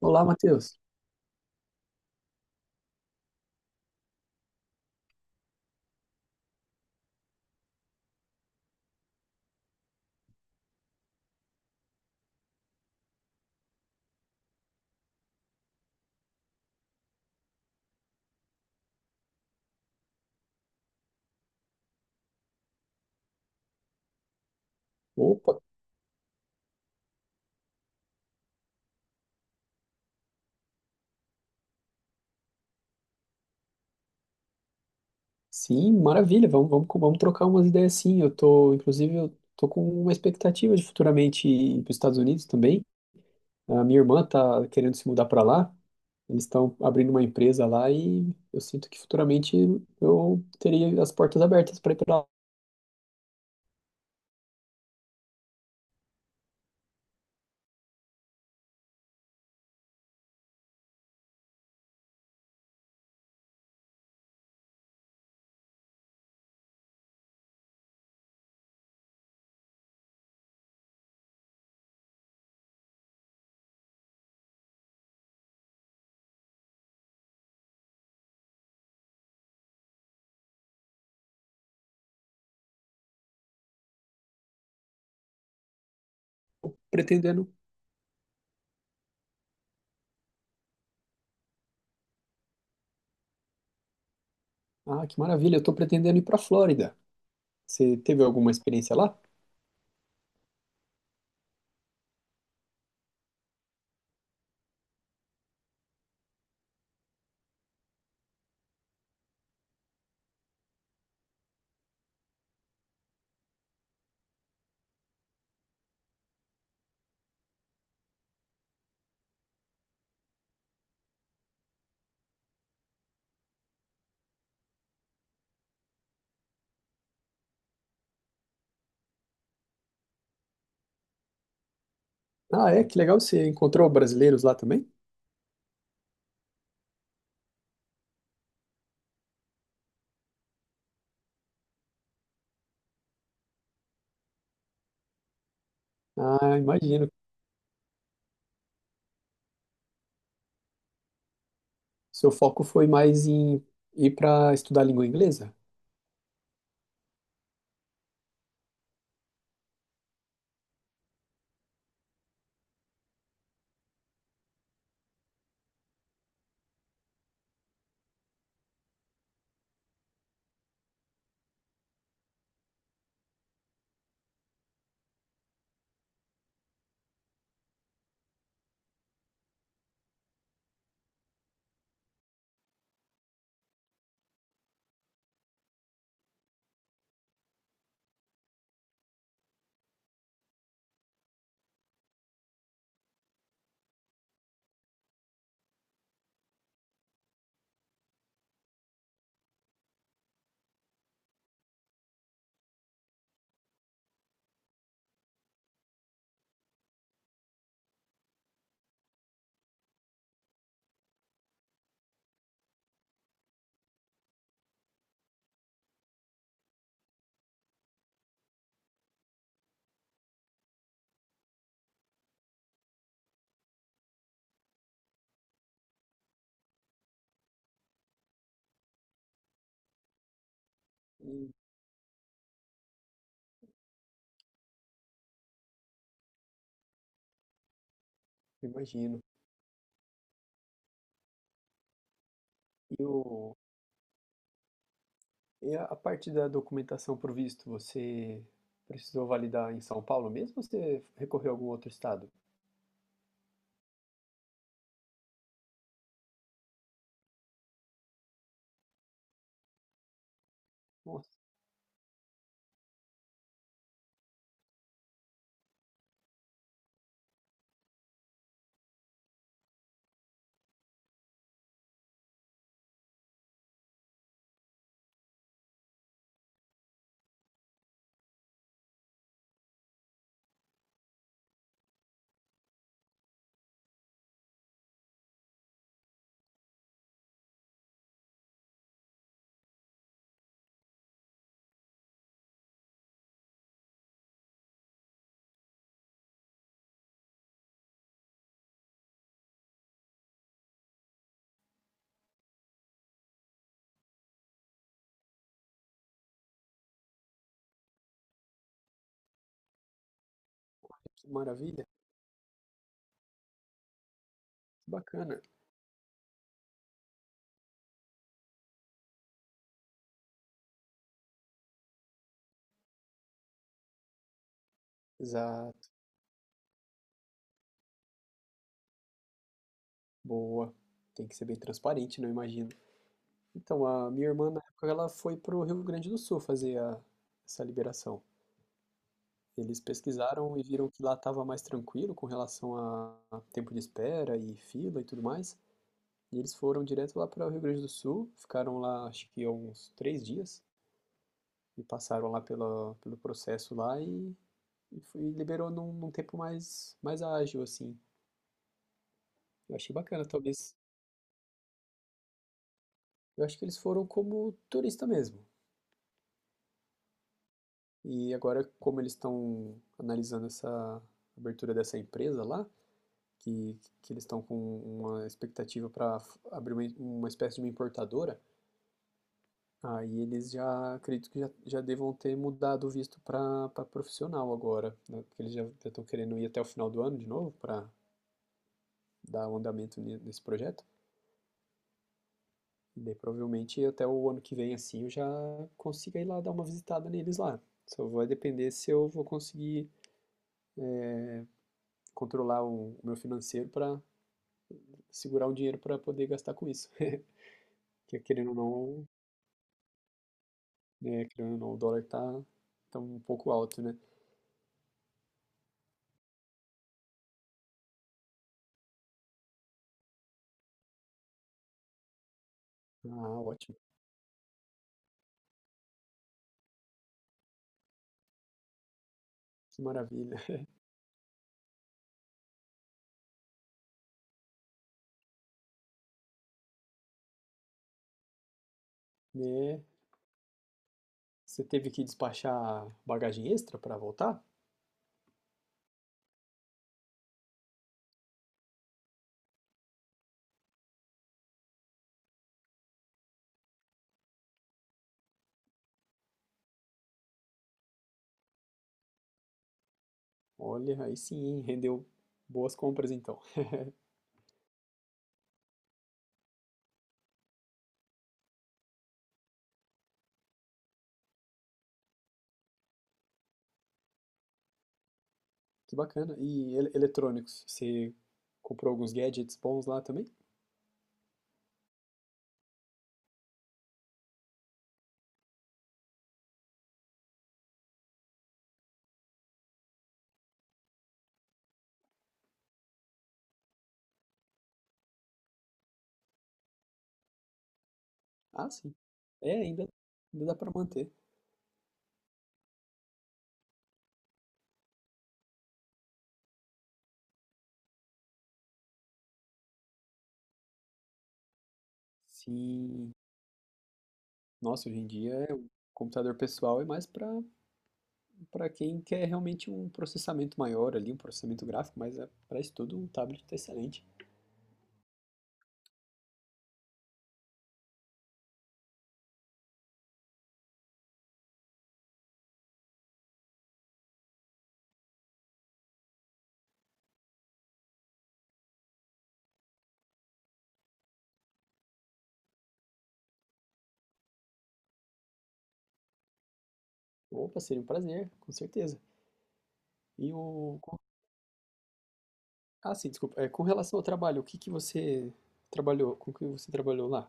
Olá, Matheus. Opa, sim, maravilha. Vamos trocar umas ideias sim. Eu tô, inclusive, eu tô com uma expectativa de futuramente ir para os Estados Unidos também. A minha irmã tá querendo se mudar para lá. Eles estão abrindo uma empresa lá e eu sinto que futuramente eu teria as portas abertas para ir para lá, pretendendo. Ah, que maravilha. Eu tô pretendendo ir para Flórida. Você teve alguma experiência lá? Ah, é? Que legal. Você encontrou brasileiros lá também? Ah, imagino. Seu foco foi mais em ir para estudar língua inglesa? Hum. Imagino. E, o, e a parte da documentação pro visto, você precisou validar em São Paulo mesmo ou você recorreu a algum outro estado? Nossa, que maravilha, que bacana. Exato, boa. Tem que ser bem transparente, não imagino. Então, a minha irmã, na época, ela foi pro Rio Grande do Sul fazer a, essa liberação. Eles pesquisaram e viram que lá estava mais tranquilo com relação a tempo de espera e fila e tudo mais. E eles foram direto lá para o Rio Grande do Sul, ficaram lá acho que uns três dias, e passaram lá pela, pelo processo lá e foi- liberou num tempo mais, mais ágil, assim. Eu achei bacana, talvez. Eu acho que eles foram como turista mesmo. E agora, como eles estão analisando essa abertura dessa empresa lá, que eles estão com uma expectativa para abrir uma espécie de uma importadora. Aí eles já, acredito que já, já devam ter mudado o visto para profissional agora, né? Porque eles já estão querendo ir até o final do ano de novo para dar o andamento ne- nesse projeto. E daí provavelmente até o ano que vem, assim, eu já consiga ir lá dar uma visitada neles lá. Só vai depender se eu vou conseguir controlar o meu financeiro para segurar um dinheiro para poder gastar com isso. Porque querendo ou não, né, querendo ou não, o dólar tá, tá um pouco alto, né? Ah, ótimo. Que maravilha. Né? Você teve que despachar bagagem extra para voltar? Olha, aí sim, hein, rendeu boas compras então. Que bacana. E ele- eletrônicos, você comprou alguns gadgets bons lá também? Ah, sim. É, ainda, ainda dá para manter. Sim. Nossa, hoje em dia é, o computador pessoal é mais para para quem quer realmente um processamento maior ali, um processamento gráfico, mas é, para estudo um tablet está excelente. Opa, seria um prazer, com certeza. E o. com- Ah, sim, desculpa. É, com relação ao trabalho, o que que você trabalhou? Com o que você trabalhou lá?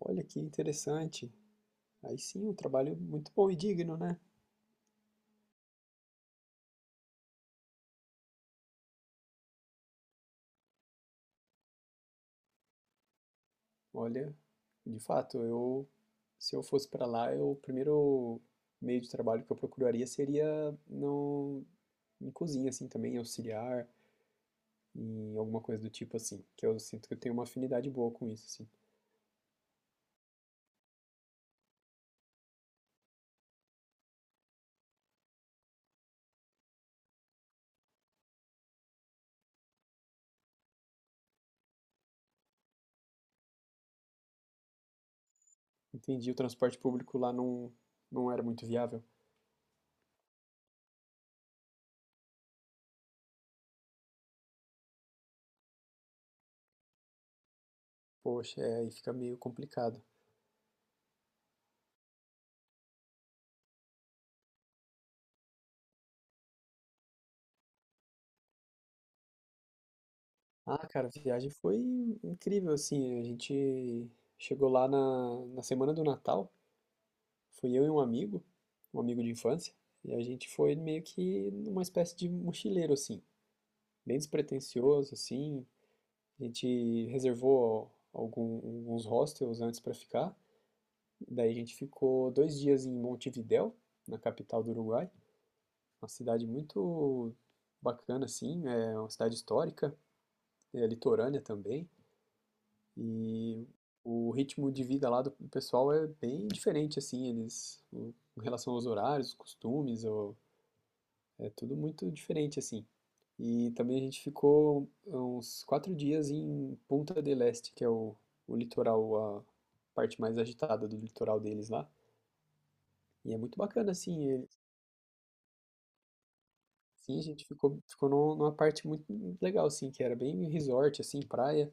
Olha que interessante. Aí sim, um trabalho muito bom e digno, né? Olha, de fato, eu. Se eu fosse para lá, eu, o primeiro meio de trabalho que eu procuraria seria no, em cozinha, assim, também, auxiliar, em alguma coisa do tipo assim, que eu sinto que eu tenho uma afinidade boa com isso, assim. Entendi, o transporte público lá não, não era muito viável. Poxa, é, aí fica meio complicado. Ah, cara, a viagem foi incrível, assim, a gente chegou lá na semana do Natal, fui eu e um amigo de infância, e a gente foi meio que numa espécie de mochileiro, assim, bem despretensioso, assim, a gente reservou algum- alguns hostels antes pra ficar. Daí a gente ficou dois dias em Montevidéu, na capital do Uruguai. Uma cidade muito bacana, assim, é uma cidade histórica, é litorânea também. E o ritmo de vida lá do pessoal é bem diferente, assim, eles, o- em relação aos horários, os costumes, o- é tudo muito diferente, assim. E também a gente ficou uns quatro dias em Punta del Este, que é o litoral, a parte mais agitada do litoral deles lá. E é muito bacana, assim. Sim, a gente ficou, ficou num- numa parte muito legal, assim, que era bem resort, assim, praia.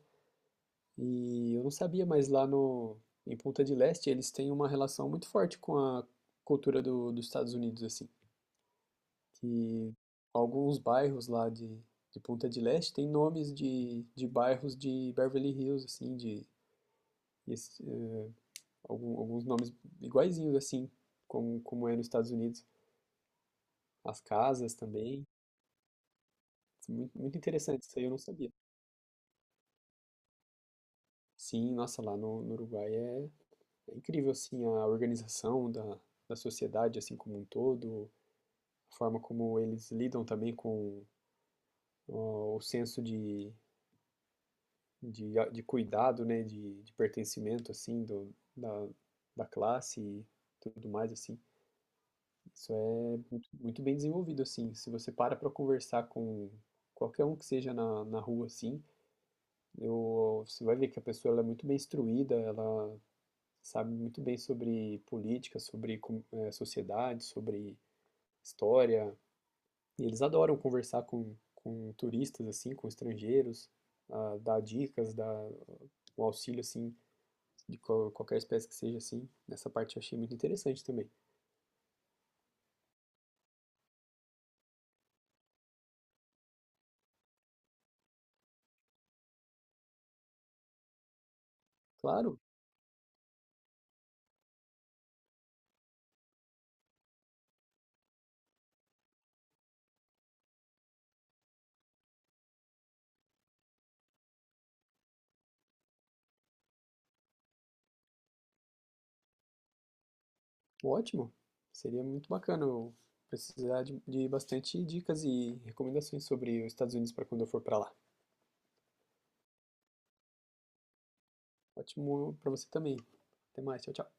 E eu não sabia, mas lá no, em Punta del Este eles têm uma relação muito forte com a cultura do, dos Estados Unidos, assim. Que alguns bairros lá de Punta del Este têm nomes de bairros de Beverly Hills, assim, de, esse- eh, algum- alguns nomes iguaizinhos, assim, como, como é nos Estados Unidos. As casas também. Muito, muito interessante, isso aí eu não sabia. Sim, nossa, lá no, no Uruguai é, é incrível, assim, a organização da, da sociedade, assim, como um todo, a forma como eles lidam também com ó, o, senso de, a- de cuidado, né, de pertencimento, assim, do, da, da classe e tudo mais, assim. Isso é muito, muito bem desenvolvido, assim. Se você para conversar com qualquer um que seja na, na rua, assim, eu, você vai ver que a pessoa ela é muito bem instruída, ela sabe muito bem sobre política, sobre com- eh, sociedade, sobre história. E eles adoram conversar com turistas, assim, com estrangeiros, ah, dar dicas, dar um auxílio, assim, de qual- qualquer espécie que seja, assim. Nessa parte eu achei muito interessante também. Claro, ótimo. Seria muito bacana eu precisar de bastante dicas e recomendações sobre os Estados Unidos para quando eu for para lá. Ótimo para você também. Até mais, tchau, tchau.